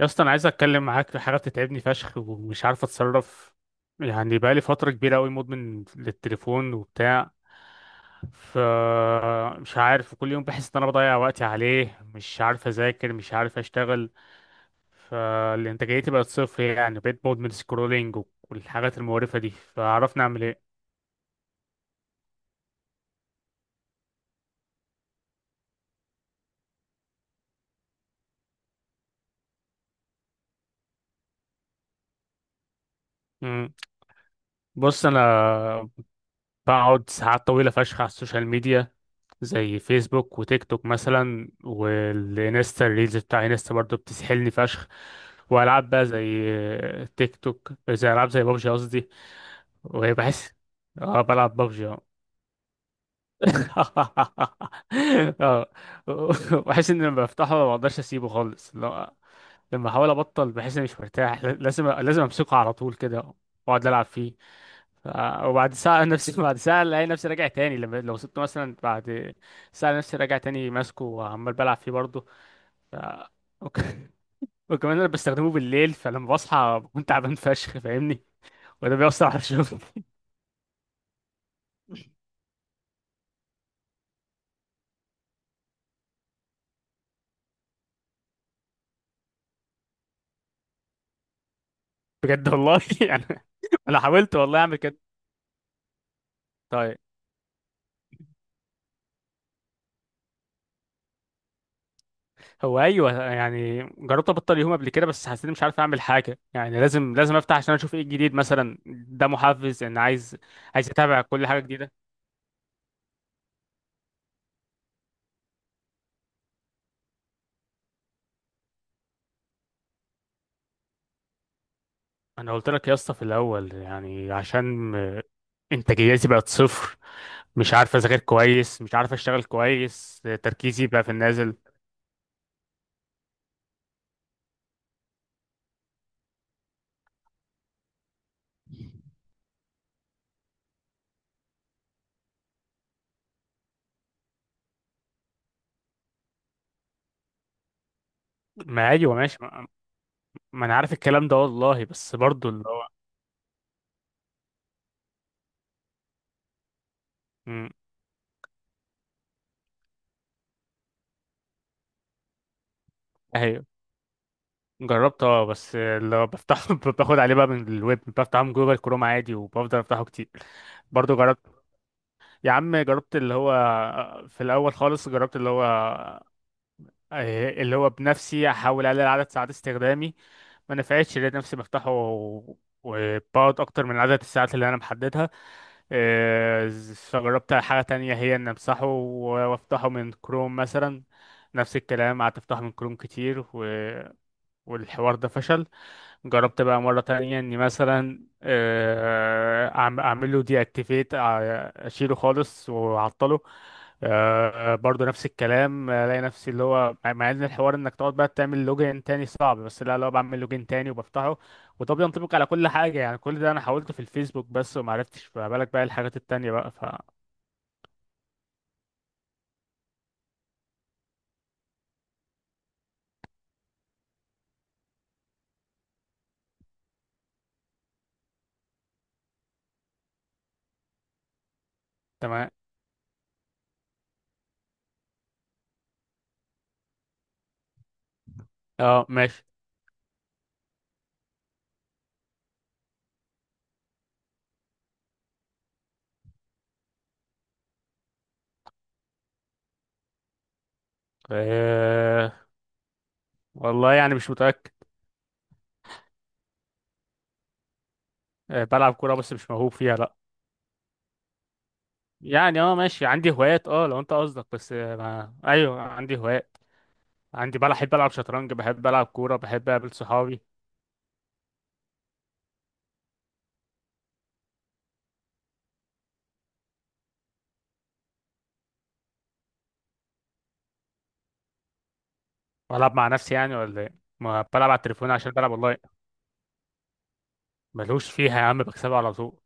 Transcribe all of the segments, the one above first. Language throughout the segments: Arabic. يا اسطى، انا عايز اتكلم معاك في حاجه بتتعبني فشخ ومش عارف اتصرف. يعني بقالي فتره كبيره قوي مدمن للتليفون وبتاع. ف مش عارف، كل يوم بحس ان انا بضيع وقتي عليه، مش عارف اذاكر، مش عارف اشتغل، فالانتاجيتي بقت صفر. يعني بقيت مدمن سكرولينج والحاجات المقرفه دي، فعرفنا اعمل ايه؟ مم. بص انا بقعد ساعات طويلة فشخ على السوشيال ميديا، زي فيسبوك وتيك توك مثلا، والانستا الريلز بتاع انستا برضه بتسحلني فشخ. والعاب بقى زي تيك توك، زي العاب زي بابجي قصدي. وبحس، اه بلعب بابجي اه. اه، بحس ان لما بفتحه ما بقدرش اسيبه خالص، لا. لما احاول ابطل بحس اني مش مرتاح، لازم لازم امسكه على طول كده واقعد العب فيه. وبعد ساعة نفسي بعد ساعة الاقي نفسي راجع تاني، لما لو سبته مثلا بعد ساعة نفسي راجع تاني ماسكه وعمال بلعب فيه برضه. ف... وك... وكمان انا بستخدمه بالليل، فلما بصحى بكون تعبان فشخ فاهمني، وده بيأثر على الشغل. بجد والله يعني انا حاولت والله اعمل كده. طيب، هو ايوه، يعني جربت ابطل يوم قبل كده بس حسيت مش عارف اعمل حاجه، يعني لازم لازم افتح عشان اشوف ايه الجديد مثلا، ده محفز ان عايز اتابع كل حاجه جديده. انا قلت لك يا اسطى في الاول يعني عشان انتاجيتي بقت صفر، مش عارف اذاكر كويس، مش عارف اشتغل كويس، تركيزي بقى في النازل. ما ايوه ماشي، ما انا عارف الكلام ده والله، بس برضو اللي هو مم، ايوه جربت اه، بس اللي هو بفتح باخد عليه بقى من الويب، بفتحه من جوجل كروم عادي وبفضل افتحه كتير. برضو جربت، يا عم جربت اللي هو، في الاول خالص جربت اللي هو اللي هو بنفسي احاول اقلل عدد ساعات استخدامي، ما نفعتش. لقيت نفسي بفتحه وبقعد اكتر من عدد الساعات اللي انا محددها. فجربت حاجة تانية، هي ان امسحه وافتحه من كروم مثلا. نفس الكلام، قعدت افتحه من كروم كتير والحوار ده فشل. جربت بقى مرة تانية اني مثلا اعمل له دي اكتيفيت اشيله خالص واعطله. برضه نفس الكلام، الاقي نفسي اللي هو مع ان الحوار انك تقعد بقى تعمل لوجين تاني صعب، بس لا، لو بعمل لوجين تاني وبفتحه. وده بينطبق على كل حاجة، يعني كل ده انا حاولته في الفيسبوك بس ومعرفتش، فما بالك بقى الحاجات التانية بقى تمام. اه ماشي. آه، والله يعني مش متأكد. بلعب كورة بس مش موهوب فيها، لا. يعني اه ماشي عندي هوايات اه، لو انت قصدك بس آه، ما... ايوه عندي هوايات. عندي بحب العب شطرنج، بحب العب كوره، بحب اقابل صحابي. والعب مع نفسي يعني ولا ايه؟ ما بلعب على التليفون عشان بلعب والله. ملهوش فيها يا عم، بكسبها على طول.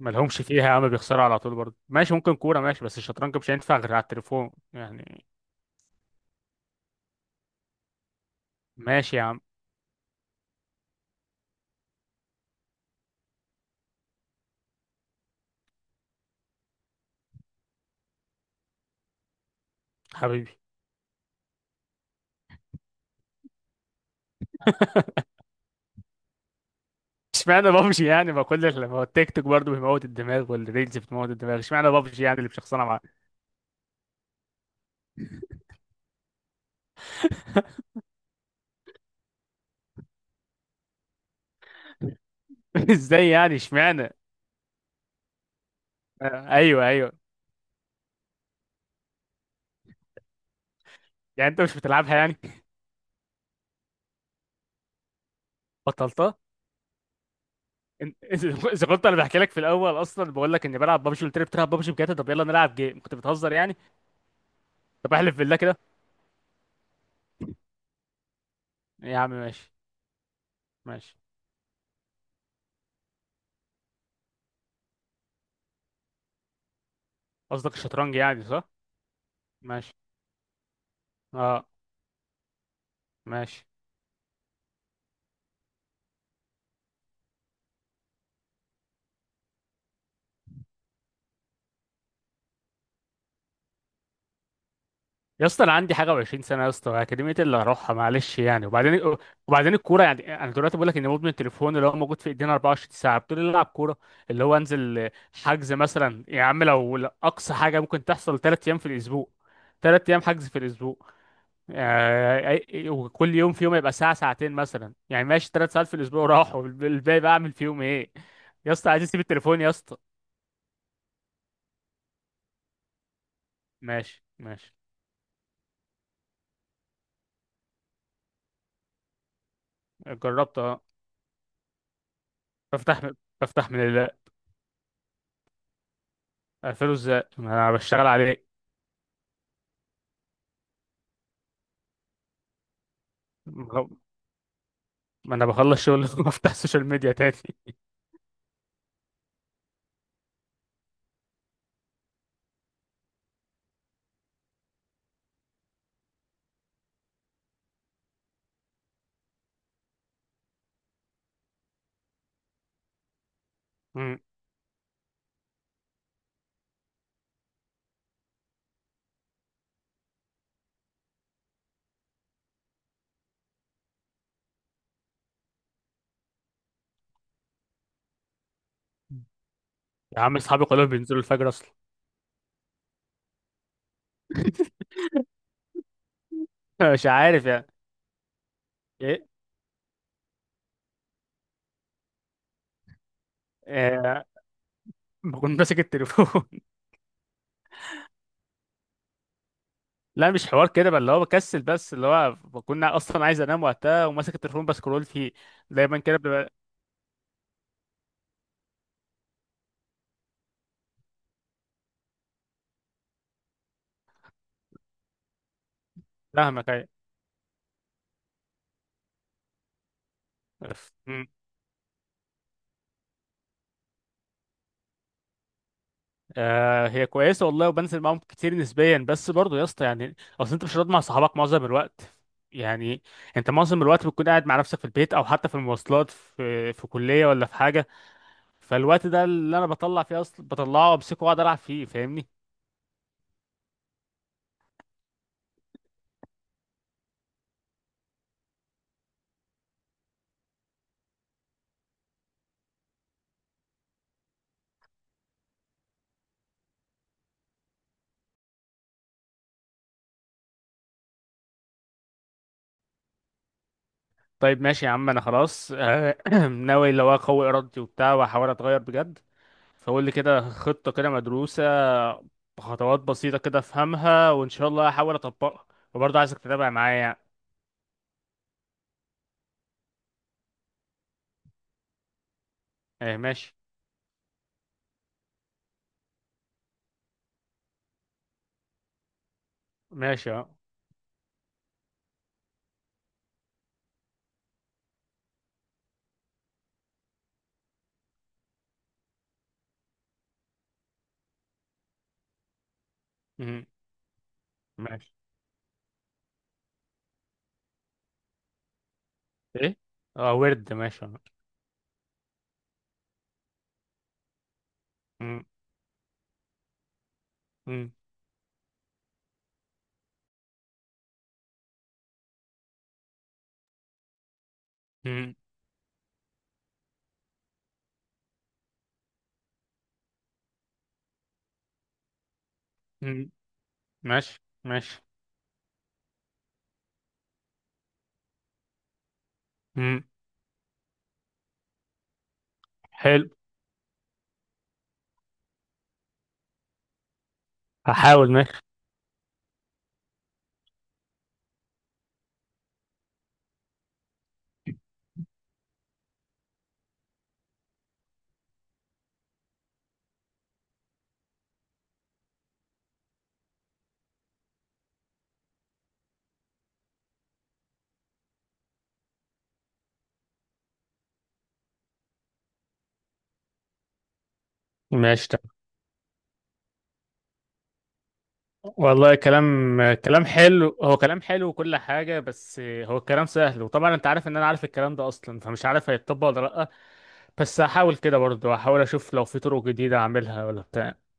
ملهمش فيها يا عم، بيخسروا على طول برضه. ماشي ممكن كوره، ماشي، بس الشطرنج مش هينفع غير على التليفون يعني. ماشي يا عم. حبيبي. اشمعنى بابجي يعني، ما كل اللي- ما هو التيك توك برضه بيموت الدماغ، والريلز بتموت الدماغ، اشمعنى بابجي يعني اللي مش شخصانه معاه. ازاي يعني اشمعنى؟ ايوه ايوه. يعني انت مش بتلعبها يعني؟ بطلتها؟ إن- اذا كنت انا بحكي لك في الاول اصلا بقول لك اني بلعب ببجي، قلت لي بتلعب ببجي بجد، طب يلا نلعب جيم، كنت بتهزر يعني؟ طب احلف بالله كده. يا عم ماشي. ماشي. قصدك الشطرنج يعني، صح؟ ماشي اه. ماشي. يا اسطى انا عندي حاجه و20 سنه يا اسطى، اكاديميه اللي هروحها، معلش يعني؟ وبعدين وبعدين الكوره، يعني انا دلوقتي بقول لك ان مدمن التليفون اللي هو موجود في ايدينا 24 ساعه بتقول لي العب كوره؟ اللي هو انزل حجز مثلا يا عم، لو اقصى حاجه ممكن تحصل 3 ايام في الاسبوع، 3 ايام حجز في الاسبوع، يعني وكل يوم في يوم يبقى ساعة ساعتين مثلا، يعني ماشي، 3 ساعات في الأسبوع، راحوا الباقي بقى أعمل فيهم إيه؟ يا اسطى عايز أسيب التليفون يا اسطى. ماشي ماشي. جربت أه. بفتح بفتح من ال أقفله إزاي ما أنا بشتغل عليه؟ ما أنا بخلص شغل وأفتح السوشيال ميديا تاني. مم. يا عم أصحابي كلهم بينزلوا الفجر أصلا. مش عارف يعني. إيه. آه، بكون ماسك التليفون. لا مش حوار كده بقى، اللي هو بكسل بس، اللي هو كنا اصلا عايز انام وقتها وماسك التليفون بسكرول فيه، دايما كده ببقى. فاهمك ايوه. أف- مم. آه، هي كويسه والله، وبنزل معاهم كتير نسبيا، بس برضه يا اسطى يعني اصل انت مش هتقعد مع صحابك معظم الوقت، يعني انت معظم الوقت بتكون قاعد مع نفسك في البيت او حتى في المواصلات، في كليه ولا في حاجه. فالوقت ده اللي انا بطلع فيه اصلا بطلعه وامسكه واقعد العب فيه، فاهمني. طيب ماشي يا عم، انا خلاص ناوي اللي هو اقوي ارادتي وبتاع واحاول اتغير بجد. فقول لي كده خطة كده مدروسة، بخطوات بسيطة كده افهمها، وان شاء الله هحاول اطبقها. وبرضه عايزك تتابع معايا يعني. ايه ماشي. ماشي اه. مم. ماشي. ايه. اه ورد ماشي اه. مم. مم. مم. مم. ماشي ماشي. مم. حلو. هحاول ماشي. ماشي. والله كلام كلام حلو، هو كلام حلو وكل حاجة، بس هو الكلام سهل، وطبعا انت عارف ان انا عارف الكلام ده اصلا، فمش عارف هيتطبق ولا لأ. بس هحاول كده برضه، هحاول اشوف لو في طرق جديدة اعملها ولا بتاع.